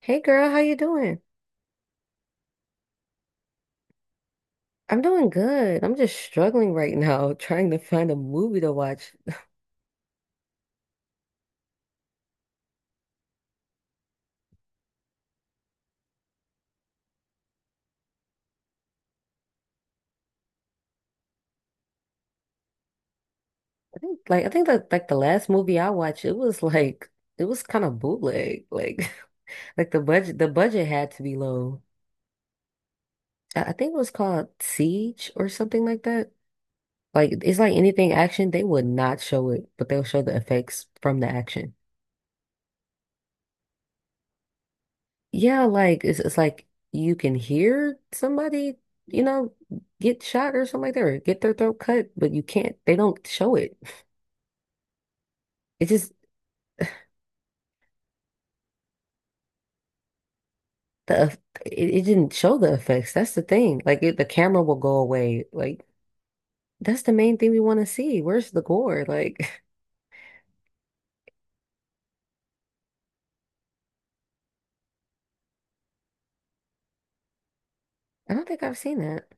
Hey girl, how you doing? I'm doing good. I'm just struggling right now trying to find a movie to watch. I think that the last movie I watched, it was like it was kind of bootleg. Like like the budget had to be low. I think it was called Siege or something like that. Like it's like anything action, they would not show it, but they'll show the effects from the action. Yeah, like it's like you can hear somebody, you know, get shot or something like that, or get their throat cut, but you can't. They don't show it. It just the eff- it didn't show the effects. That's the thing. Like it, the camera will go away. Like that's the main thing we want to see. Where's the gore? Like I don't think I've seen that.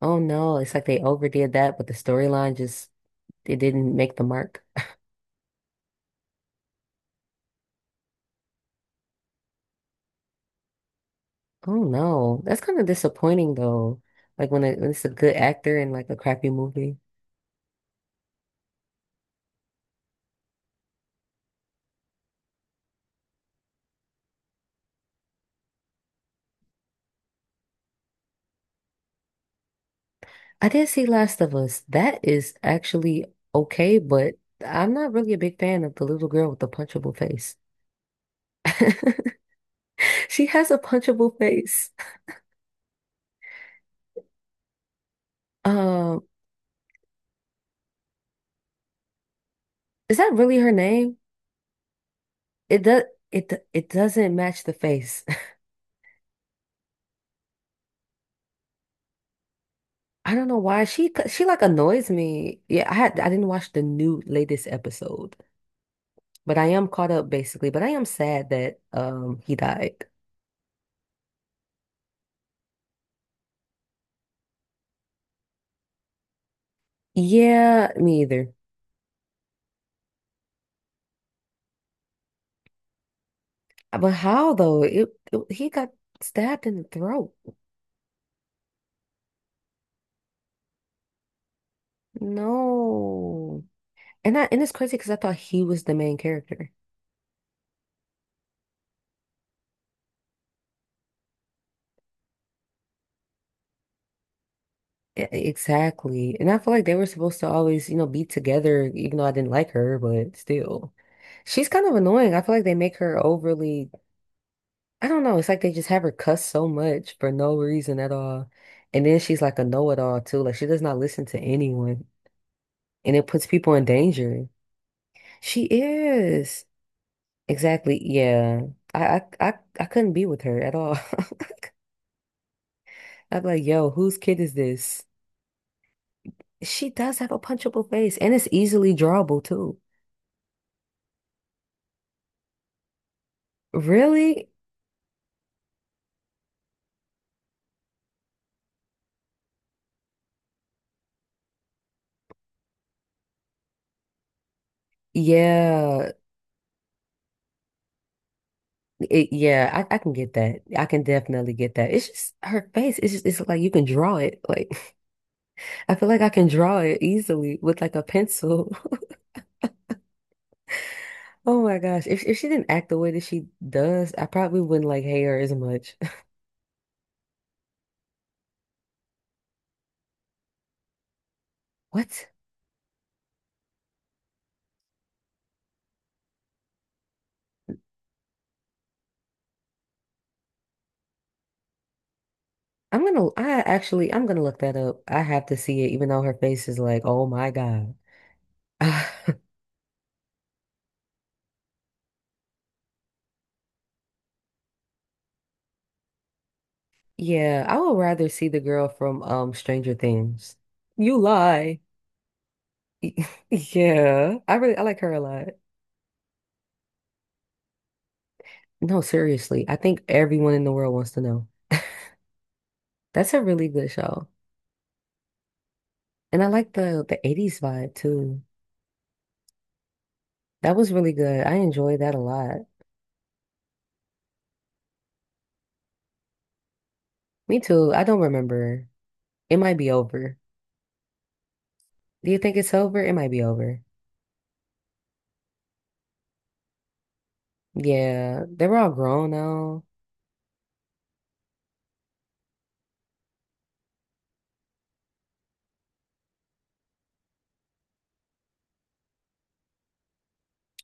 Oh no, it's like they overdid that, but the storyline just it didn't make the mark. Oh no, that's kind of disappointing though. Like when, it, when it's a good actor in like a crappy movie. I did see Last of Us. That is actually okay, but I'm not really a big fan of the little girl with the punchable face. She has a punchable face. Um, is that really her name? It does it doesn't match the face. I don't know why she like annoys me. Yeah, I didn't watch the new latest episode, but I am caught up basically. But I am sad that he died. Yeah, me either. But how though? It he got stabbed in the throat. No. And it's crazy because I thought he was the main character. Exactly. And I feel like they were supposed to always, you know, be together, even though I didn't like her, but still. She's kind of annoying. I feel like they make her I don't know, it's like they just have her cuss so much for no reason at all. And then she's like a know-it-all too. Like she does not listen to anyone. And it puts people in danger. She is. Exactly. Yeah. I I I, I couldn't be with her at all. I'd be like, yo, whose kid is this? She does have a punchable face and it's easily drawable too. Really? Yeah. Yeah, I can get that. I can definitely get that. It's just her face. It's just it's like you can draw it. Like I feel like I can draw it easily with like a pencil. Oh my gosh. If she didn't act the way that she does, I probably wouldn't like hate her as much. What? I actually I'm gonna look that up. I have to see it, even though her face is like, oh my God. Yeah, I would rather see the girl from Stranger Things. You lie. Yeah, I like her a lot. No, seriously, I think everyone in the world wants to know. That's a really good show. And I like the 80s vibe too. That was really good. I enjoyed that a lot. Me too. I don't remember. It might be over. Do you think it's over? It might be over. Yeah, they were all grown now.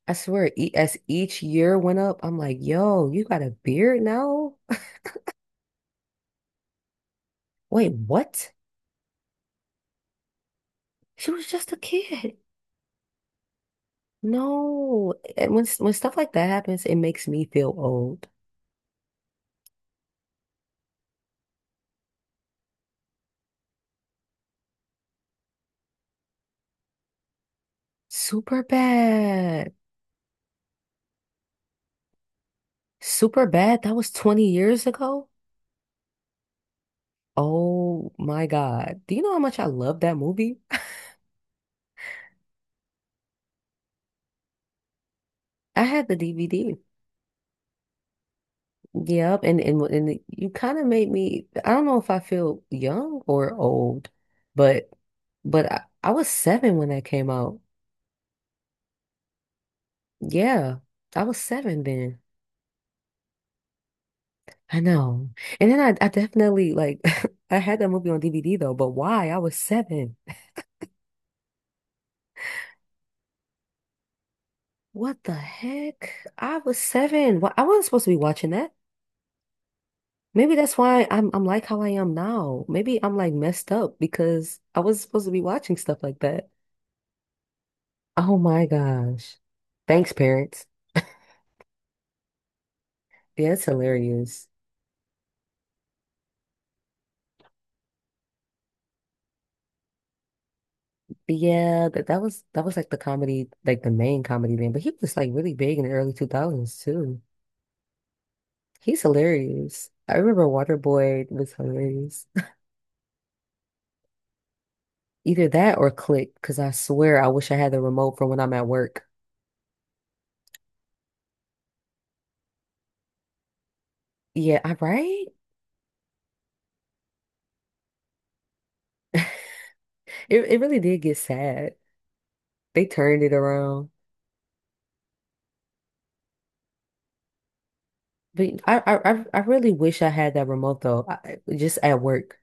I swear, e as each year went up, I'm like, yo, you got a beard now? Wait, what? She was just a kid. No, and when stuff like that happens, it makes me feel old. Super bad. Super bad. That was 20 years ago. Oh my God. Do you know how much I love that movie? I had the DVD. Yep, and you kind of made me. I don't know if I feel young or old, but I was seven when that came out. Yeah, I was seven then. I know. And then I definitely like I had that movie on DVD though, but why? I was seven. What the heck? I was seven. Why I wasn't supposed to be watching that. Maybe that's why I'm like how I am now. Maybe I'm like messed up because I wasn't supposed to be watching stuff like that. Oh my gosh. Thanks, parents. Yeah, it's hilarious. But yeah, that was that was like the comedy, like the main comedy then. But he was like really big in the early 2000s too. He's hilarious. I remember Waterboy was hilarious. Either that or Click, because I swear I wish I had the remote for when I'm at work. Yeah, I right? It really did get sad. They turned it around. But I really wish I had that remote though. Just at work.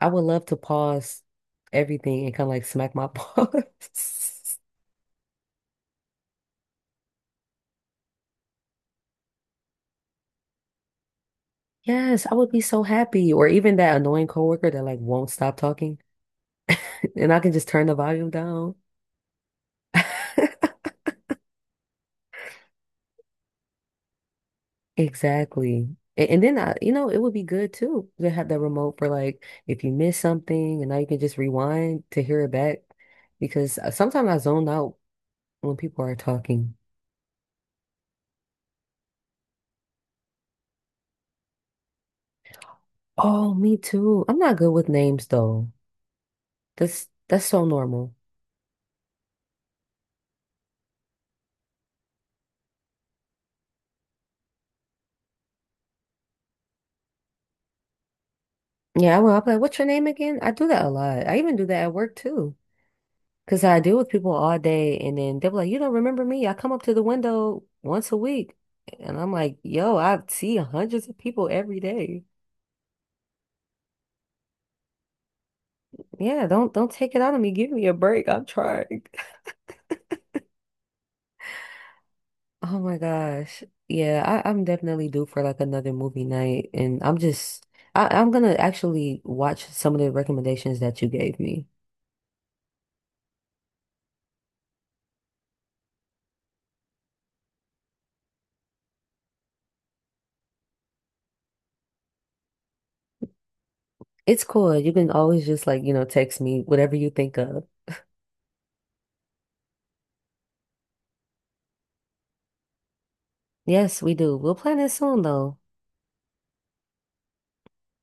I would love to pause everything and kind of like smack my paws. Yes, I would be so happy. Or even that annoying coworker that like won't stop talking and I can just turn the volume down. Exactly. And then you know, it would be good too to have the remote for like if you miss something and now you can just rewind to hear it back because sometimes I zone out when people are talking. Oh, me too. I'm not good with names though. That's so normal. Yeah, well, I'll be like, what's your name again? I do that a lot. I even do that at work too. Because I deal with people all day and then they'll be like, you don't remember me? I come up to the window once a week. And I'm like, yo, I see hundreds of people every day. Yeah, don't take it out of me. Give me a break. I'm trying. Oh my gosh. Yeah, I'm definitely due for like another movie night. And I'm gonna actually watch some of the recommendations that you gave me. It's cool. You can always just like, you know, text me whatever you think of. Yes, we do. We'll plan it soon though.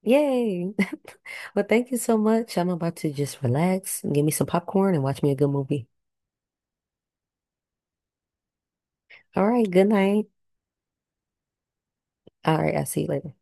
Yay. Well, thank you so much. I'm about to just relax and give me some popcorn and watch me a good movie. All right, good night. All right, I'll see you later.